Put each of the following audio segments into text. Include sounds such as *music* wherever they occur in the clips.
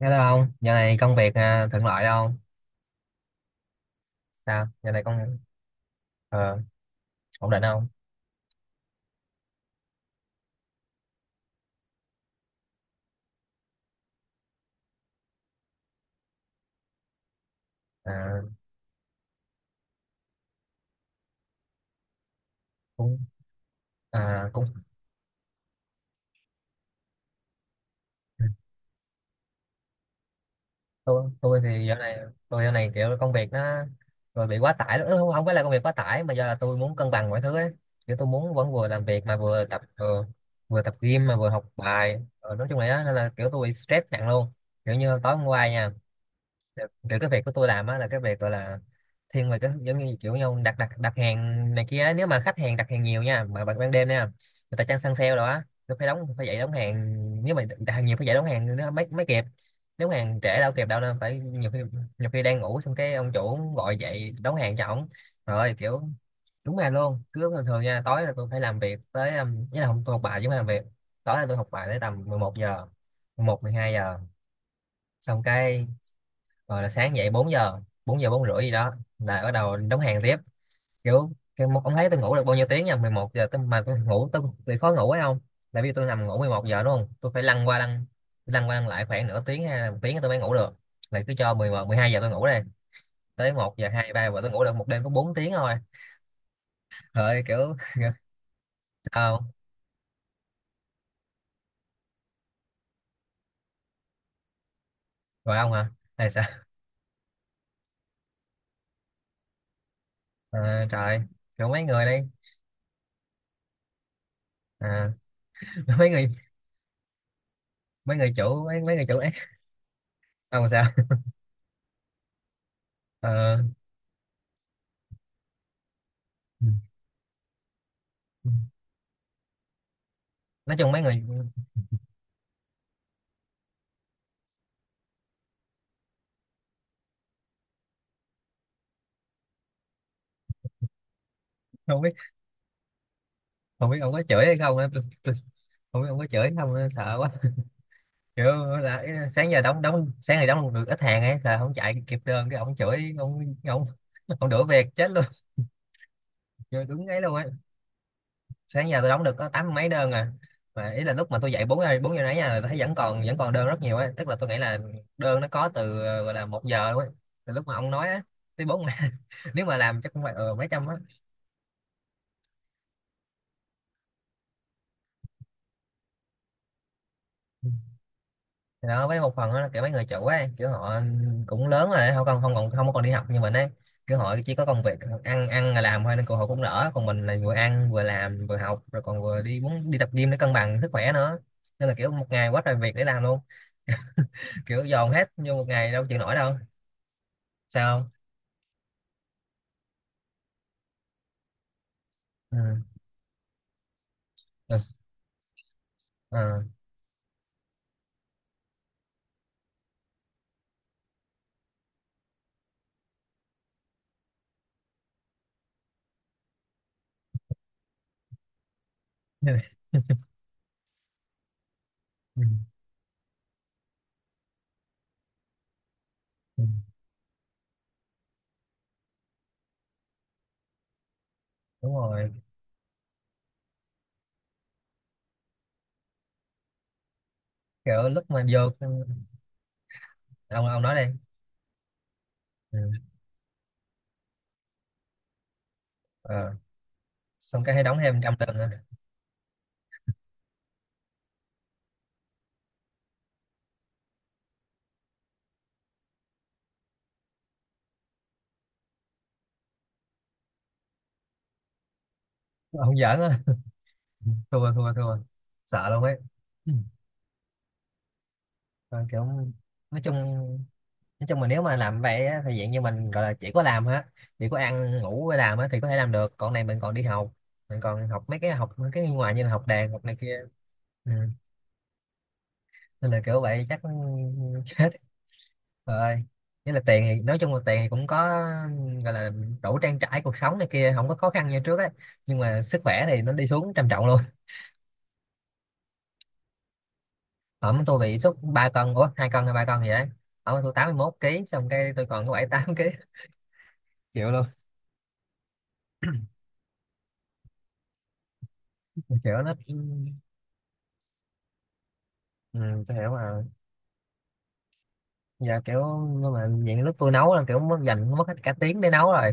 Nghe đâu không giờ này công việc, thuận lợi đâu. Sao giờ này công... ờ, ổn định không? à, Cũng... cũng... Tôi thì giờ này tôi giờ này kiểu công việc nó rồi bị quá tải lắm. Ừ, không không phải là công việc quá tải mà do là tôi muốn cân bằng mọi thứ ấy. Kiểu tôi muốn vẫn vừa làm việc mà vừa tập gym mà vừa học bài. Ờ, nói chung là đó, nên là kiểu tôi bị stress nặng luôn. Kiểu như tối hôm qua nha, kiểu kiểu cái việc của tôi làm á là cái việc gọi là thiên về cái giống như kiểu nhau đặt đặt đặt hàng này kia á. Nếu mà khách hàng đặt hàng nhiều nha, mà ban ban đêm nha, người ta chăng săn sale rồi á, tôi phải đóng, phải dậy đóng hàng. Nếu mà đặt hàng nhiều phải dậy đóng hàng nó mới mới kịp. Nếu hàng trễ đâu kịp đâu, nên phải nhiều khi, nhiều khi đang ngủ xong cái ông chủ gọi dậy đóng hàng cho ổng. Rồi kiểu đúng là luôn, cứ thường thường nha tối là tôi phải làm việc tới ý là không, tôi học bài chứ không phải làm việc. Tối là tôi học bài tới tầm 11 giờ, mười một mười hai giờ, xong cái rồi là sáng dậy 4 giờ, 4 giờ 4 rưỡi gì đó là bắt đầu đóng hàng tiếp. Kiểu cái một ông thấy tôi ngủ được bao nhiêu tiếng nha, 11 giờ tôi, mà tôi ngủ tôi bị khó ngủ ấy không, là vì tôi nằm ngủ mười một giờ đúng không, tôi phải lăn qua lăn lại khoảng nửa tiếng hay là một tiếng tôi mới ngủ được, là cứ cho mười một mười hai giờ tôi ngủ đây, tới một giờ 2 3 giờ tôi ngủ được một đêm có bốn tiếng thôi. Trời ơi, kiểu *laughs* sao? Rồi ông hả? Hay sao? Trời. Kiểu mấy người đây. à, *laughs* mấy người, mấy người chủ, mấy mấy người chủ ấy. Ông sao? Ờ, nói chung mấy người không biết, không biết ông có chửi hay không á, tôi, không biết ông có chửi hay không á, sợ quá. Kiểu là sáng giờ đóng đóng sáng ngày đóng được ít hàng ấy, sợ không chạy kịp đơn cái ông chửi, ông ông đuổi việc chết luôn. Trời, đúng ấy luôn á. Sáng giờ tôi đóng được có tám mấy đơn à. Mà ý là lúc mà tôi dậy bốn giờ, bốn giờ nãy là tôi thấy vẫn còn, vẫn còn đơn rất nhiều ấy, tức là tôi nghĩ là đơn nó có từ gọi là một giờ luôn ấy, từ lúc mà ông nói á tới bốn *laughs* nếu mà làm chắc cũng phải mấy trăm á. Thì đó, với một phần đó là kiểu mấy người chủ ấy kiểu họ cũng lớn rồi, họ còn không, còn không đi học như mình ấy. Kiểu họ chỉ có công việc ăn ăn là làm thôi nên họ cũng đỡ, còn mình là vừa ăn vừa làm vừa học rồi còn vừa đi muốn đi tập gym để cân bằng sức khỏe nữa, nên là kiểu một ngày quá trời việc để làm luôn, kiểu dồn hết vô một ngày đâu chịu nổi đâu. Sao không? Ừ. Rồi ờ. *laughs* Ừ. Ừ, đúng rồi. Kiểu lúc mà vô, ừ, ông nói đây. Ừ. Ờ. Xong cái hay đóng thêm trăm lần nữa. Ông giỡn á. Ừ, thua thua thua, sợ luôn ấy. Ừ. Rồi kiểu nói chung, nói chung mà nếu mà làm vậy á, thì dạng như mình gọi là chỉ có làm hết, chỉ có ăn ngủ với làm á, thì có thể làm được, còn này mình còn đi học, mình còn học mấy cái, học mấy cái ngoài như là học đàn học này kia. Ừ. Nên là kiểu vậy chắc *laughs* chết rồi. Nghĩa là tiền thì nói chung là tiền thì cũng có, gọi là đủ trang trải cuộc sống này kia, không có khó khăn như trước á, nhưng mà sức khỏe thì nó đi xuống trầm trọng luôn. *laughs* Ẩm tôi bị sốt 3 cân, ủa hai cân hay ba cân gì đấy, ẩm tôi 81 ký xong cái tôi còn có bảy tám ký. Kiểu luôn, kiểu nó, ừ, tôi hiểu mà. Giờ kiểu nhưng mà những lúc tôi nấu là kiểu mất, dành mất hết cả tiếng để nấu rồi,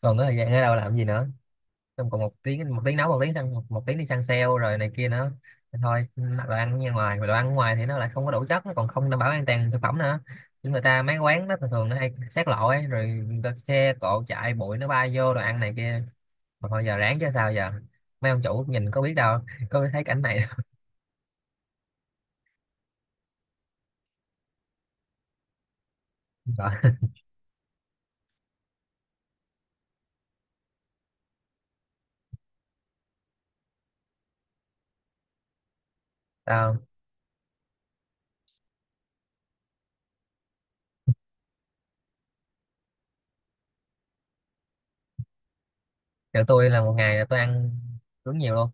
còn cái thời gian ở đâu làm gì nữa. Xong còn một tiếng, một tiếng nấu, một tiếng sang một, một tiếng đi săn sale rồi này kia nữa. Thì thôi đồ ăn ra ngoài, mà đồ ăn ngoài thì nó lại không có đủ chất, nó còn không đảm bảo an toàn thực phẩm nữa. Những người ta mấy quán đó thường thường nó hay xát lộ ấy rồi người ta xe cộ chạy bụi nó bay vô đồ ăn này kia. Mà thôi giờ ráng chứ sao giờ, mấy ông chủ nhìn có biết đâu, có biết thấy cảnh này đâu. *laughs* Rồi, tao... kiểu tôi là một ngày là tôi ăn đúng nhiều luôn.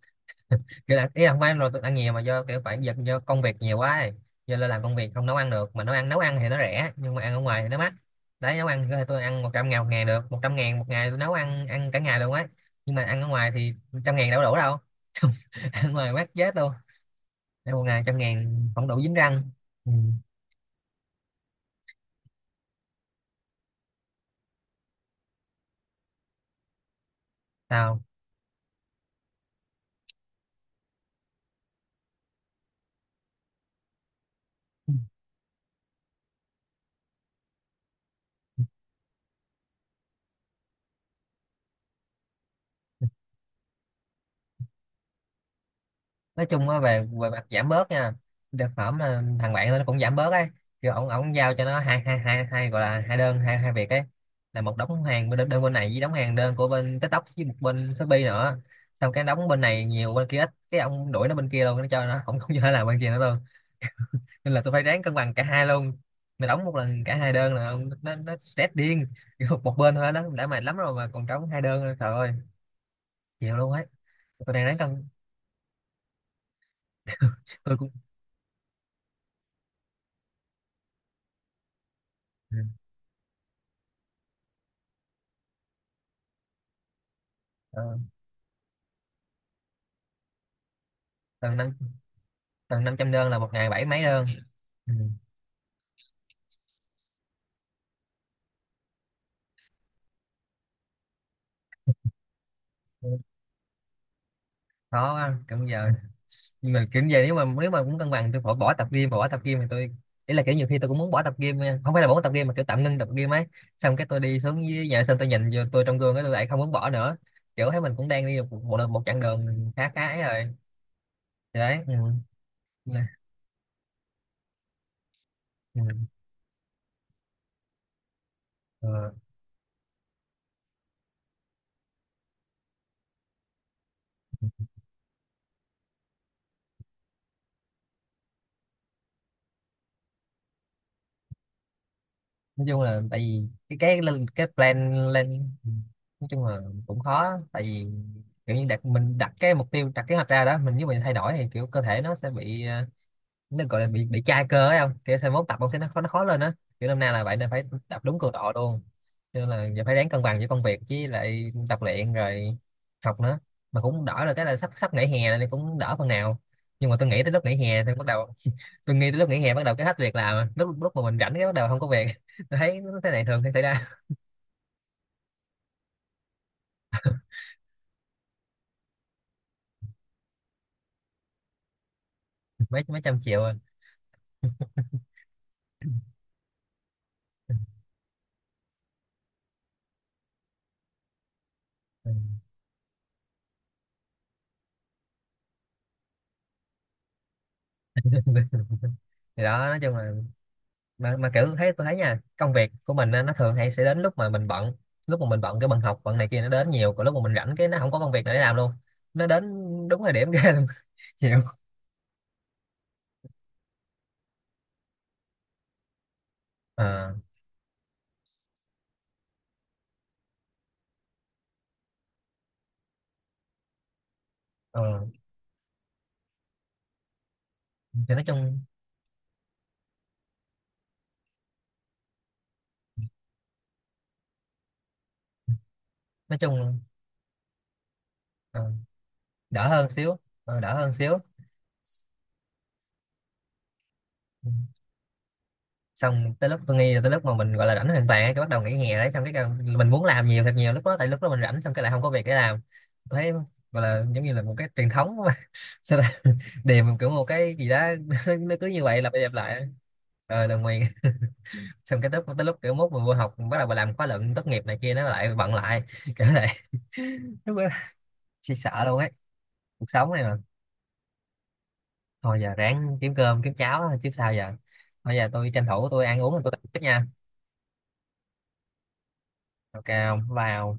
Kiểu là ý là không phải là tôi ăn nhiều mà do kiểu phải giật do công việc nhiều quá ấy. Giờ là làm công việc không nấu ăn được, mà nấu ăn thì nó rẻ nhưng mà ăn ở ngoài thì nó mắc. Đấy, nấu ăn thì tôi ăn 100 ngàn một ngày được, 100 ngàn một ngày tôi nấu ăn ăn cả ngày luôn ấy. Nhưng mà ăn ở ngoài thì trăm ngàn đâu có đủ đâu. *laughs* Ăn ở ngoài mắc chết luôn, ăn một ngày trăm ngàn không đủ dính răng. Ừ. Sao? Nói chung á, về về mặt giảm bớt nha, thực phẩm là thằng bạn nó cũng giảm bớt ấy. Kiểu ổng ổng giao cho nó hai hai hai hai gọi là hai đơn, hai hai việc ấy, là một đóng hàng bên đơn bên này với đóng hàng đơn của bên TikTok với một bên Shopee nữa. Xong cái đóng bên này nhiều bên kia ít, cái ông đuổi nó bên kia luôn, nó cho nó không không cho nó làm bên kia nữa luôn. Nên là tôi phải ráng cân bằng cả hai luôn. Mà đóng một lần cả hai đơn là nó stress điên, kiểu *laughs* một bên thôi đó đã mệt lắm rồi mà còn trống hai đơn nữa, trời ơi, chịu luôn ấy. Tôi đang ráng cân *laughs* tôi cũng ừ. Ờ. Cần năng, tầng 500 đơn là một ngày bảy mấy đơn. Ừ. Khó quá kiểu giờ, nhưng mà kiểu giờ nếu mà, nếu mà muốn cân bằng tôi bỏ, bỏ tập gym thì tôi, ý là kiểu nhiều khi tôi cũng muốn bỏ tập gym nha. Không phải là bỏ tập gym mà kiểu tạm ngưng tập gym ấy. Xong cái tôi đi xuống dưới nhà sân tôi nhìn vô tôi trong gương cái tôi lại không muốn bỏ nữa. Kiểu thấy mình cũng đang đi một, một chặng đường khá khá ấy rồi. Thì đấy, ừ. Nè. Ừ. Ừ. Nói chung là tại vì cái lên cái plan lên, ừ, nói chung là cũng khó tại vì kiểu như đặt mình, đặt cái mục tiêu đặt kế hoạch ra đó, mình nếu mình thay đổi thì kiểu cơ thể nó sẽ bị nó gọi là bị chai cơ ấy không, kiểu sau mốt tập ông sẽ nó khó, nó khó lên á, kiểu năm nay là vậy nên phải tập đúng cường độ luôn. Cho nên là giờ phải ráng cân bằng giữa công việc với lại tập luyện rồi học nữa. Mà cũng đỡ là cái là sắp, sắp nghỉ hè nên cũng đỡ phần nào, nhưng mà tôi nghĩ tới lúc nghỉ hè thì bắt đầu *laughs* tôi nghĩ tới lúc nghỉ hè bắt đầu cái hết việc làm à. Lúc, lúc mà mình rảnh cái bắt đầu không có việc. *laughs* Tôi thấy cái này thường hay xảy ra. *laughs* Mấy, mấy trăm triệu à. *laughs* Thì đó nói chung là, mà kiểu thấy, tôi thấy nha, công việc của mình á, nó thường hay sẽ đến lúc mà mình bận. Lúc mà mình bận cái bận học bận này kia nó đến nhiều, còn lúc mà mình rảnh cái nó không có công việc nào để làm luôn. Nó đến đúng thời điểm ghê luôn. *laughs* Chịu. Ờ. Ờ thì nói chung, nói chung ờ, đỡ hơn xíu, ờ, đỡ hơn xíu. Ừ. Xong tới lúc tôi nghĩ là tới lúc mà mình gọi là rảnh hoàn toàn á, cái bắt đầu nghỉ hè đấy xong cái mình muốn làm nhiều thật nhiều lúc đó tại lúc đó mình rảnh xong cái lại không có việc để làm. Tôi thấy gọi là giống như là một cái truyền thống mà *laughs* sao, điềm kiểu một cái gì đó, *laughs* nó cứ như vậy lặp đi lặp lại. Ờ, đồng nguyên. *laughs* Xong cái lúc tới lúc kiểu mốt mình vô học bắt đầu bà làm khóa luận tốt nghiệp này kia nó lại bận lại kiểu này. *laughs* Lúc đó chị sợ luôn ấy, cuộc sống này mà. Thôi giờ ráng kiếm cơm kiếm cháo chứ sao giờ. Bây giờ tôi tranh thủ tôi ăn uống rồi tôi tiếp nha. Ok không vào?